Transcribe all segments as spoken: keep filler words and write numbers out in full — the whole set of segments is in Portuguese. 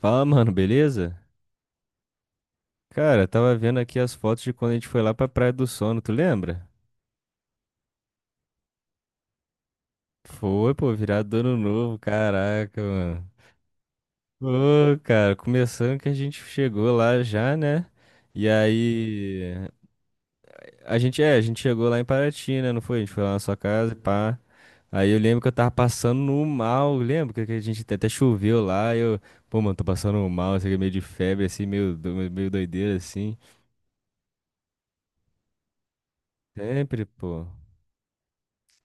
Fala, mano, beleza? Cara, tava vendo aqui as fotos de quando a gente foi lá pra Praia do Sono, tu lembra? Foi, pô, virado do ano novo, caraca, mano. Ô, cara, começando que a gente chegou lá já, né? E aí, a gente, é, a gente chegou lá em Paraty, né, não foi? A gente foi lá na sua casa, e pá. Aí eu lembro que eu tava passando no mal, lembro que que a gente até até choveu lá, e eu, pô, mano, tô passando mal, isso aqui é meio de febre, assim, meio, do- meio doideira, assim. Sempre, pô.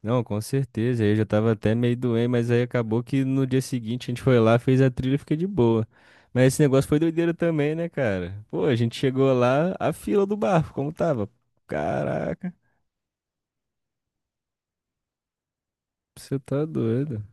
Não, com certeza. Eu já tava até meio doente, mas aí acabou que no dia seguinte a gente foi lá, fez a trilha e fiquei de boa. Mas esse negócio foi doideira também, né, cara? Pô, a gente chegou lá, a fila do barco, como tava? Caraca, você tá doido.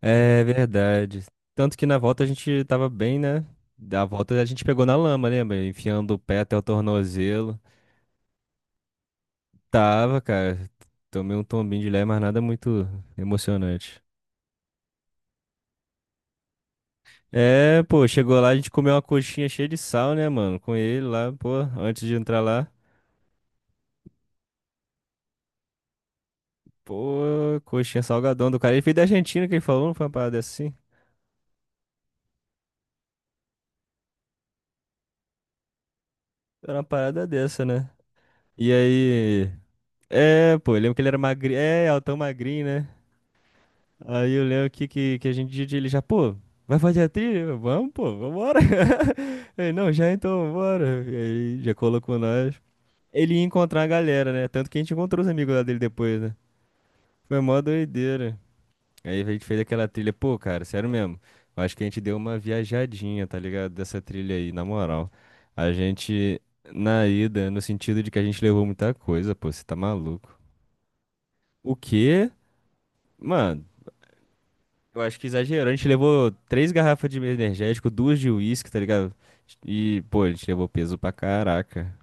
É verdade. Tanto que na volta a gente tava bem, né? Da volta a gente pegou na lama, lembra? Enfiando o pé até o tornozelo. Tava, cara. Tomei um tombinho de lé, mas nada muito emocionante. É, pô, chegou lá, a gente comeu uma coxinha cheia de sal, né, mano? Com ele lá, pô, antes de entrar lá. Pô, coxinha salgadão do cara. Ele veio da Argentina que ele falou, não foi uma parada assim? Era uma parada dessa, né? E aí, é, pô, eu lembro que ele era magrinho. É, altão magrinho, né? Aí eu lembro que, que, que a gente disse ele já, pô, vai fazer a trilha? Eu, vamos, pô, vambora. Ele, não, já então, bora. E aí já colocou nós. Ele ia encontrar a galera, né? Tanto que a gente encontrou os amigos lá dele depois, né? Foi mó doideira. Aí a gente fez aquela trilha, pô, cara, sério mesmo. Eu acho que a gente deu uma viajadinha, tá ligado? Dessa trilha aí, na moral. A gente, na ida, no sentido de que a gente levou muita coisa, pô, você tá maluco. O quê? Mano, eu acho que exagerou. A gente levou três garrafas de energético, duas de uísque, tá ligado? E, pô, a gente levou peso pra caraca.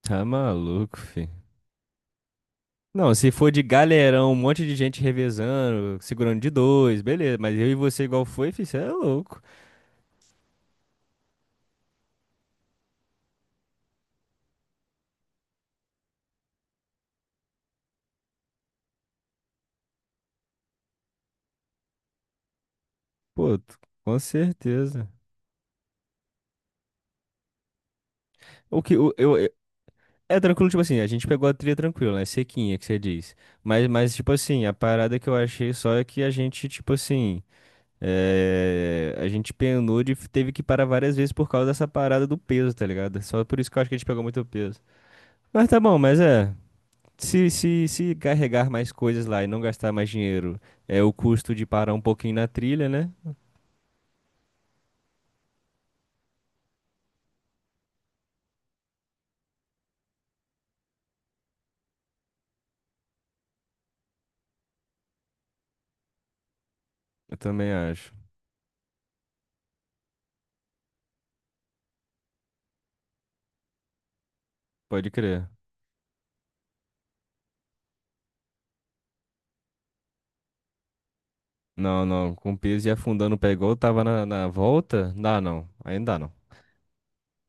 Tá maluco, fi. Não, se for de galerão, um monte de gente revezando, segurando de dois, beleza. Mas eu e você igual foi, fi, cê é louco. Pô, t- com certeza. O que o- eu, eu- é tranquilo, tipo assim, a gente pegou a trilha tranquila, né? Sequinha, que você diz. Mas, mas, tipo assim, a parada que eu achei só é que a gente, tipo assim, é, a gente penou de teve que parar várias vezes por causa dessa parada do peso, tá ligado? Só por isso que eu acho que a gente pegou muito peso. Mas tá bom, mas é. Se, se, se carregar mais coisas lá e não gastar mais dinheiro, é o custo de parar um pouquinho na trilha, né? Eu também acho. Pode crer. Não, não. Com o piso e afundando o pé igual eu tava na, na volta, dá não. Ainda não.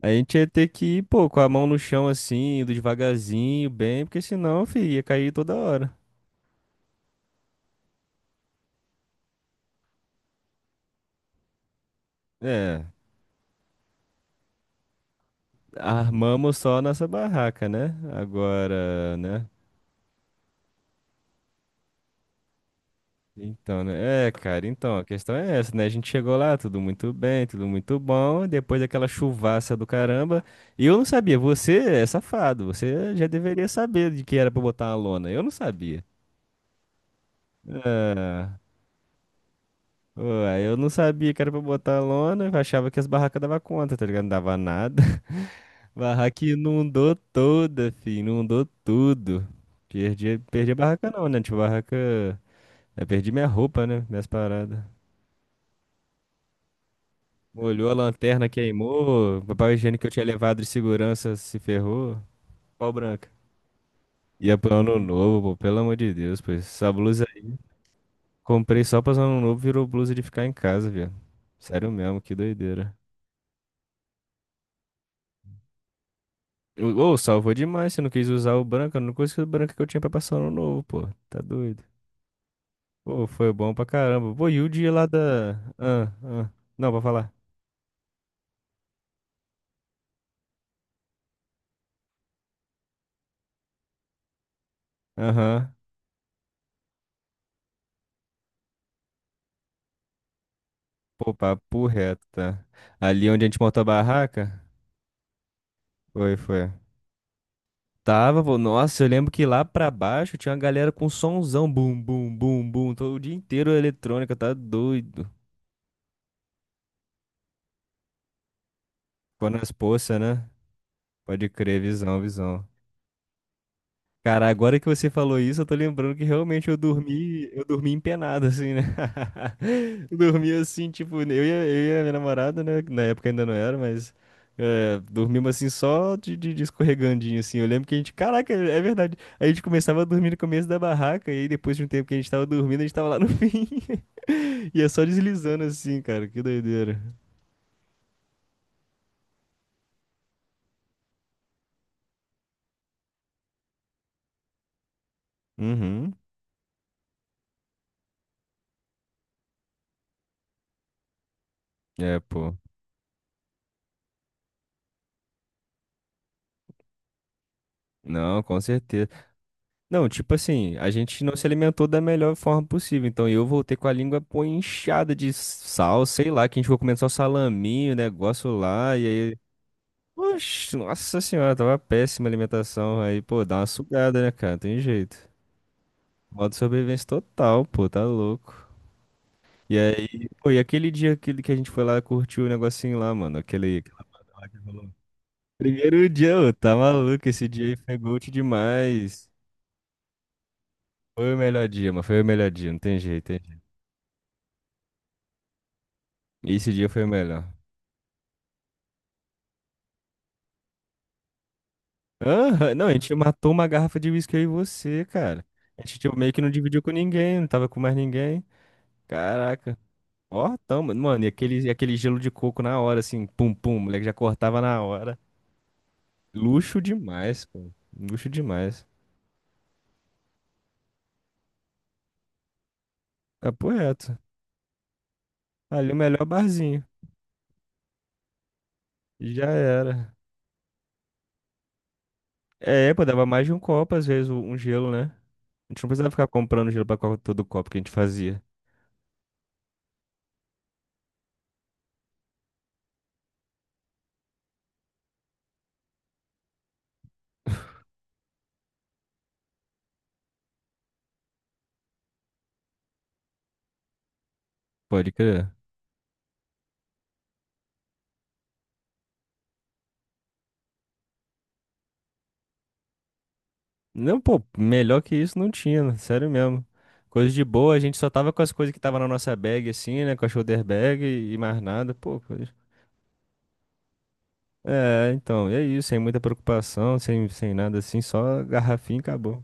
A gente ia ter que ir, pô, com a mão no chão assim, indo devagarzinho, bem, porque senão, filho, ia cair toda hora. É, armamos só a nossa barraca, né? Agora, né? Então, né? É, cara, então, a questão é essa, né? A gente chegou lá, tudo muito bem, tudo muito bom, depois daquela chuvaça do caramba. E eu não sabia, você é safado, você já deveria saber de que era pra botar uma lona. Eu não sabia. Ah, ué, eu não sabia que era pra botar lona, eu achava que as barracas davam conta, tá ligado? Não dava nada. Barraca inundou toda, filho, inundou tudo. Perdi, perdi a barraca não, né? Tipo, a barraca... Eu perdi minha roupa, né? Minhas paradas. Molhou a lanterna, queimou. Papel higiênico que eu tinha levado de segurança se ferrou. Pau branca. Ia pro ano novo, pô, pelo amor de Deus, pois. Essa blusa aí, comprei só pra ano novo, virou blusa de ficar em casa, viado. Sério mesmo, que doideira. Ô, ô, salvou demais. Você não quis usar o branco. A única coisa o branco que eu tinha pra passar no novo, pô. Tá doido. Pô, foi bom pra caramba. Pô, e o dia lá da. Ah, ah. Não, pra falar. Aham. Pô, papo reto, tá? Ali onde a gente montou a barraca? Foi, foi. Tava, pô. Nossa, eu lembro que lá pra baixo tinha uma galera com sonzão. Bum, bum, bum, bum. Todo o dia inteiro eletrônica, tá doido. Quando as poças, né? Pode crer, visão, visão. Cara, agora que você falou isso, eu tô lembrando que realmente eu dormi, eu dormi empenado, assim, né? Eu dormi assim, tipo, eu e a, eu e a minha namorada, né? Na época ainda não era, mas é, dormimos assim só de, de, de escorregandinho, assim. Eu lembro que a gente, caraca, é verdade. A gente começava a dormir no começo da barraca, e aí depois de um tempo que a gente tava dormindo, a gente tava lá no fim. Ia só deslizando assim, cara, que doideira. Uhum. É, pô. Não, com certeza. Não, tipo assim, a gente não se alimentou da melhor forma possível. Então eu voltei com a língua pô, inchada de sal, sei lá, que a gente ficou comendo só salaminho, negócio lá, e aí. Oxe, nossa senhora, tava péssima a alimentação. Aí, pô, dá uma sugada, né, cara? Tem jeito. Modo sobrevivência total, pô, tá louco. E aí, pô, e aquele dia aquele que a gente foi lá, curtiu o negocinho lá, mano, aquele, aquela parada lá que rolou. Primeiro dia, ô, tá maluco, esse dia aí foi gold demais. Foi o melhor dia, mano, foi o melhor dia, não tem jeito. Esse dia foi o melhor. Aham, não, a gente matou uma garrafa de uísque eu e você, cara. A gente tipo, meio que não dividiu com ninguém, não tava com mais ninguém. Caraca. Ó, tamo, mano, e aquele, e aquele gelo de coco na hora, assim, pum, pum, o moleque já cortava na hora. Luxo demais, pô. Luxo demais. Papo reto. Ali o melhor barzinho. Já era. É, pô, dava mais de um copo, às vezes, um gelo, né? A gente não precisava ficar comprando gelo pra co- todo copo que a gente fazia. Pode crer. Não, pô, melhor que isso não tinha, né? Sério mesmo. Coisa de boa, a gente só tava com as coisas que tava na nossa bag, assim, né? Com a shoulder bag e, e mais nada, pô. Coisa... É, então, e é isso, sem muita preocupação, sem, sem nada assim, só garrafinha e acabou.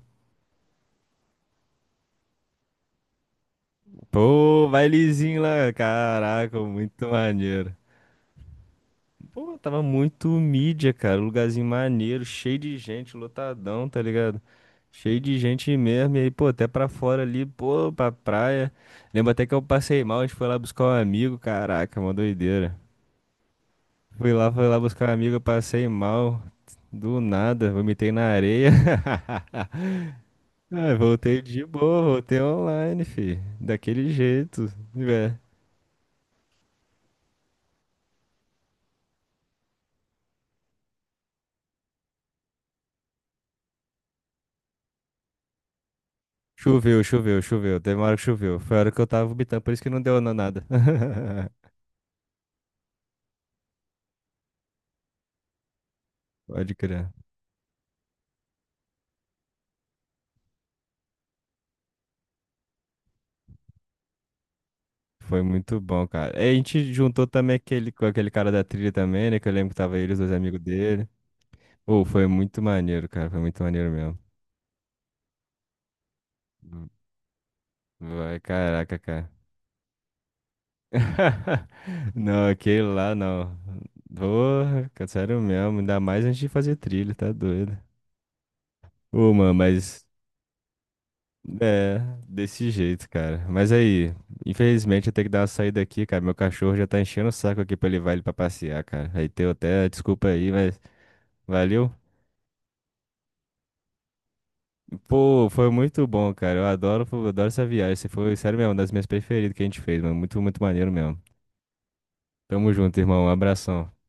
Pô, bailezinho lá, caraca, muito maneiro. Pô, tava muito mídia, cara. Um lugarzinho maneiro, cheio de gente, lotadão, tá ligado? Cheio de gente mesmo. E aí, pô, até pra fora ali, pô, pra praia. Lembro até que eu passei mal, a gente foi lá buscar um amigo. Caraca, uma doideira. Fui lá, fui lá buscar um amigo, eu passei mal. Do nada, vomitei na areia. Ah, voltei de boa, voltei online, fi. Daquele jeito, né? Choveu, choveu, choveu. Teve uma hora que choveu. Foi a hora que eu tava vomitando, por isso que não deu na- nada. Pode crer. Foi muito bom, cara. E a gente juntou também aquele, com aquele cara da trilha também, né? Que eu lembro que tava ele, os dois amigos dele. Ô, foi muito maneiro, cara. Foi muito maneiro mesmo. Vai, caraca, cara. Não, aquele lá não. Porra, cara, sério mesmo. Ainda mais antes de fazer trilha, tá doido. Ô, mano, mas. É, desse jeito, cara. Mas aí, infelizmente eu tenho que dar uma saída aqui, cara. Meu cachorro já tá enchendo o saco aqui pra levar ele pra passear, cara. Aí teu até, desculpa aí, mas. Valeu? Pô, foi muito bom, cara. Eu adoro, eu adoro essa viagem. Você foi, sério mesmo, uma das minhas preferidas que a gente fez, mano. Muito, muito maneiro mesmo. Tamo junto, irmão. Um abração.